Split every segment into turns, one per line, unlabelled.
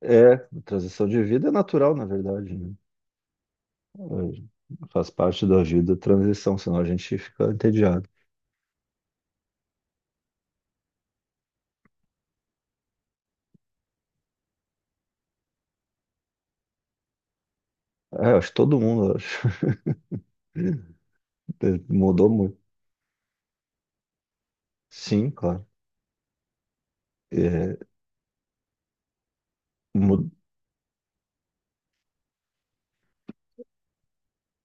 É, transição de vida é natural, na verdade, né? É, faz parte da vida a transição, senão a gente fica entediado. É, eu acho que todo mundo, eu acho. É, mudou muito. Sim, claro. É, mu-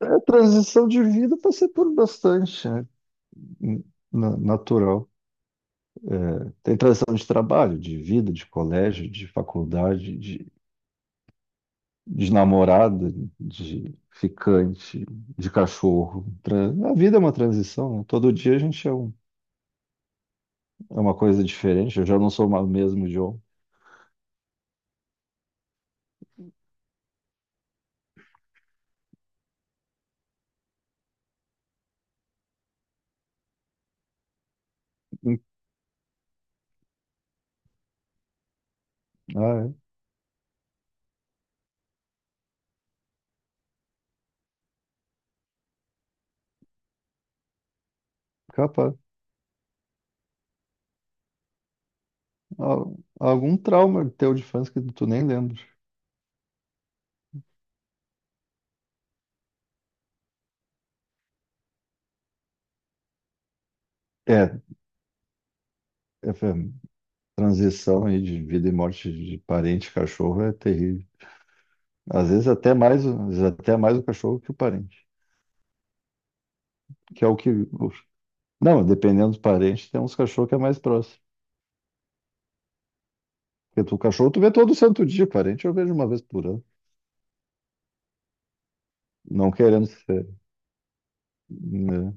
transição de vida passei por bastante, né? Natural. É, tem transição de trabalho, de vida, de colégio, de faculdade, de namorada, de ficante, de cachorro. A vida é uma transição, né? Todo dia a gente é um. É uma coisa diferente, eu já não sou o mesmo John. Hum. Ah, é. Capaz. Algum trauma teu de infância que tu nem lembra. É, é, foi transição aí de vida e morte de parente, cachorro é terrível. Às vezes até mais, às vezes até mais o cachorro que o parente, que é o que. Não, dependendo dos parentes, tem uns cachorros que é mais próximo. Porque tu, o cachorro tu vê todo santo dia, parente eu vejo uma vez por ano. Não querendo ser, né?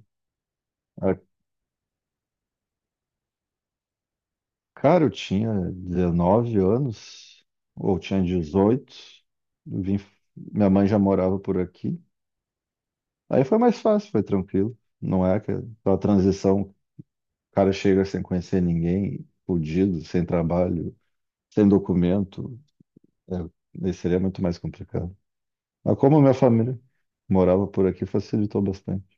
Cara, eu tinha 19 anos, ou tinha 18. Vim, minha mãe já morava por aqui. Aí foi mais fácil, foi tranquilo. Não é aquela transição, o cara chega sem conhecer ninguém, fudido, sem trabalho, sem documento, é, aí seria muito mais complicado. Mas como minha família morava por aqui, facilitou bastante.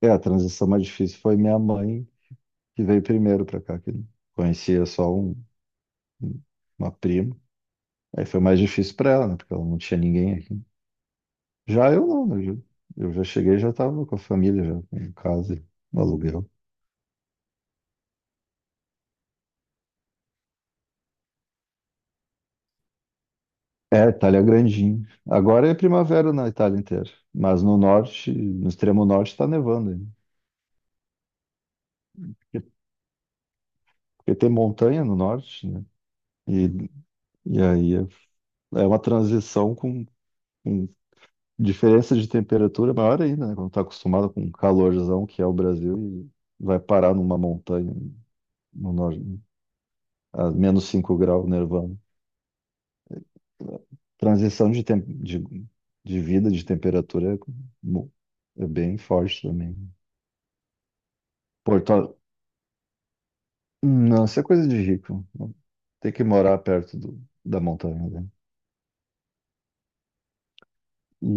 É, a transição mais difícil foi minha mãe, que veio primeiro para cá, que conhecia só um, uma prima. Aí foi mais difícil para ela, né? Porque ela não tinha ninguém aqui. Já eu não, né? Eu já cheguei, e já estava com a família, já em casa, e no aluguel. É, Itália é grandinho. Agora é primavera na Itália inteira, mas no norte, no extremo norte, está nevando ainda. Porque porque tem montanha no norte, né? E, e aí é uma transição com diferença de temperatura maior ainda, né? Quando está acostumado com o calorzão que é o Brasil e vai parar numa montanha no norte, a menos 5 graus, nevando. Transição de vida, de temperatura mu- é bem forte também. Porto Alegre. Não, isso é coisa de rico. Tem que morar perto do, da montanha, né? E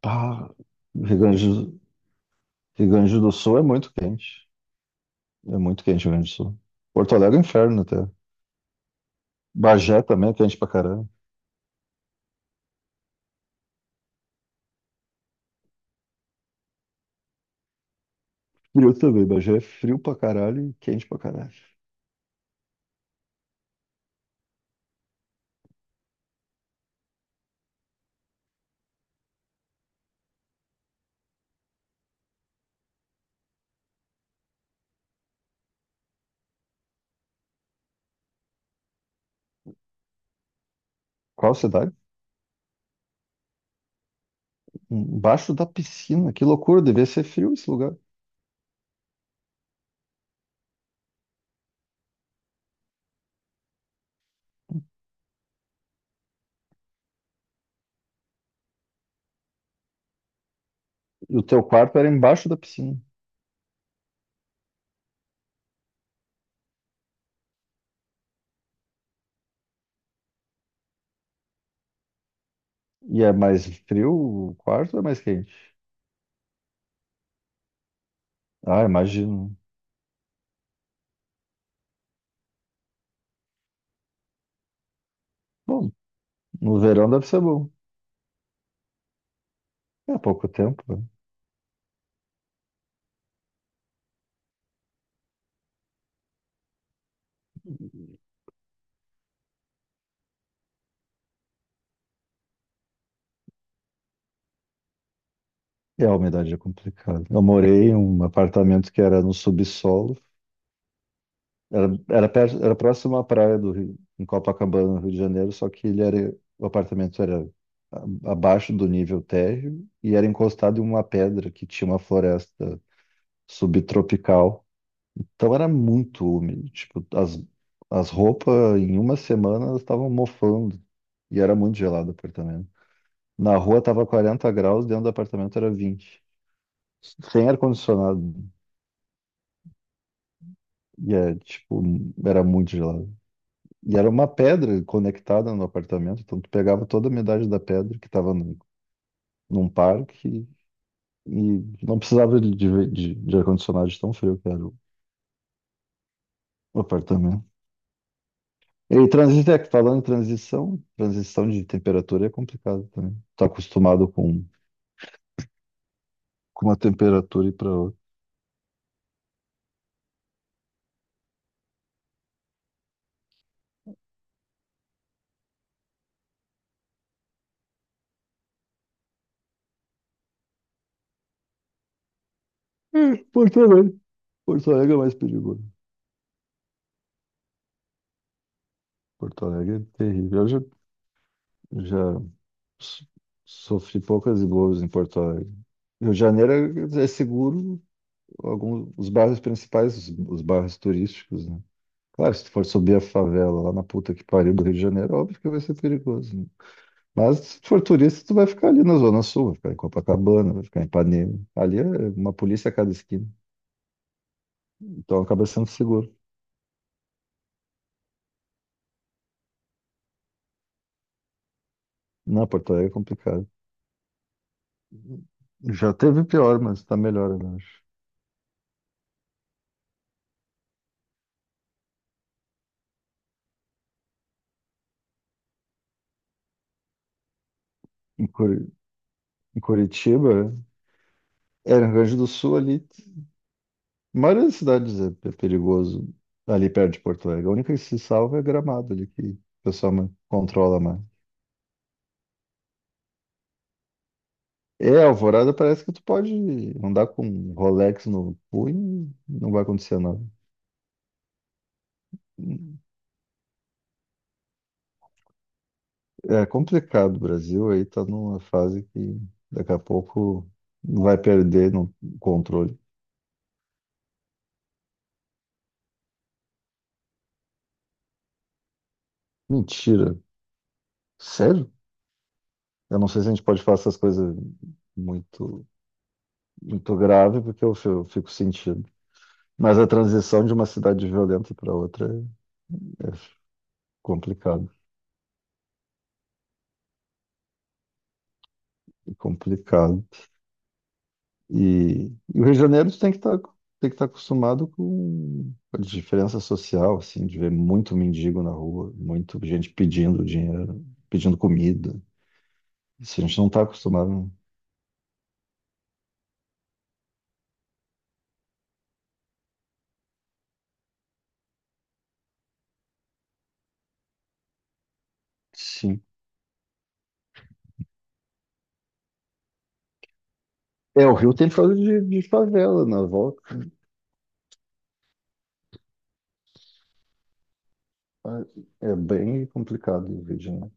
pá, Rio Grande, Rio Grande do Sul é muito quente. É muito quente o Rio Grande do Sul. Porto Alegre é um inferno até. Bagé também é quente pra caralho. Frio também. Bagé é frio pra caralho e quente pra caralho. Qual cidade? Embaixo da piscina. Que loucura, devia ser frio esse lugar. E o teu quarto era embaixo da piscina. E é mais frio o quarto ou é mais quente? Ah, imagino. Bom, no verão deve ser bom. É pouco tempo, né? E a umidade é complicada. Eu morei em um apartamento que era no subsolo. Perto, era próximo à praia do Rio, em Copacabana, no Rio de Janeiro, só que ele era, o apartamento era a- abaixo do nível térreo e era encostado em uma pedra que tinha uma floresta subtropical. Então era muito úmido, tipo, as roupas em uma semana elas estavam mofando e era muito gelado o apartamento. Na rua tava 40 graus, dentro do apartamento era 20. Sem ar-condicionado, e é, tipo, era muito gelado. E era uma pedra conectada no apartamento, então tu pegava toda a umidade da pedra que tava num parque e, e não precisava de ar-condicionado de tão frio que era o apartamento. E transição, é que falando em transição, transição de temperatura é complicado também. Tá acostumado com uma temperatura e para outra. É, Porto Alegre. Porto Alegre é mais perigoso. Porto Alegre é terrível. Eu já so- sofri poucas e boas em Porto Alegre. Rio de Janeiro é seguro, alguns, os bairros principais, os bairros turísticos, né? Claro, se tu for subir a favela lá na puta que pariu do Rio de Janeiro, óbvio que vai ser perigoso, né? Mas se for turista, tu vai ficar ali na Zona Sul, vai ficar em Copacabana, vai ficar em Ipanema. Ali é uma polícia a cada esquina. Então acaba sendo seguro. Na Porto Alegre é complicado. Já teve pior, mas tá melhor, eu acho. Em Curi- em Curitiba, no Rio Grande do Sul ali, a maioria das cidades é perigoso ali perto de Porto Alegre. A única que se salva é Gramado ali, que o pessoal controla mais. É, Alvorada parece que tu pode andar com Rolex no punho, e não vai acontecer nada. É complicado. O Brasil aí tá numa fase que daqui a pouco vai perder no controle. Mentira. Sério? Eu não sei se a gente pode falar essas coisas muito, muito grave, porque eu fico sentindo. Mas a transição de uma cidade violenta para outra é complicado, é complicado. E, e o Rio de Janeiro tem que estar acostumado com a diferença social, assim, de ver muito mendigo na rua, muito gente pedindo dinheiro, pedindo comida. Assim, a gente não está acostumado. Né? Sim. É, o Rio tem por de favela na volta. É bem complicado o vídeo, né?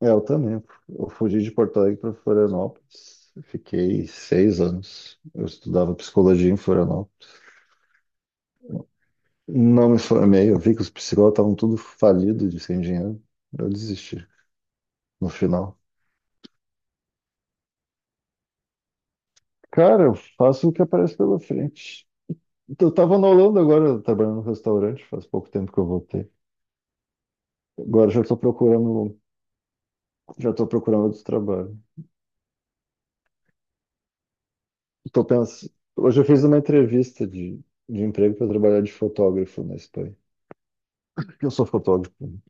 É, eu também. Eu fugi de Porto Alegre para Florianópolis. Fiquei 6 anos. Eu estudava psicologia em Florianópolis. Não me formei. Eu vi que os psicólogos estavam tudo falidos de sem dinheiro. Eu desisti no final. Cara, eu faço o que aparece pela frente. Então, eu estava na Holanda agora, trabalhando no restaurante. Faz pouco tempo que eu voltei. Agora já estou procurando outro trabalho. Tô pens... Hoje eu fiz uma entrevista de emprego para trabalhar de fotógrafo na Espanha. Porque eu sou fotógrafo.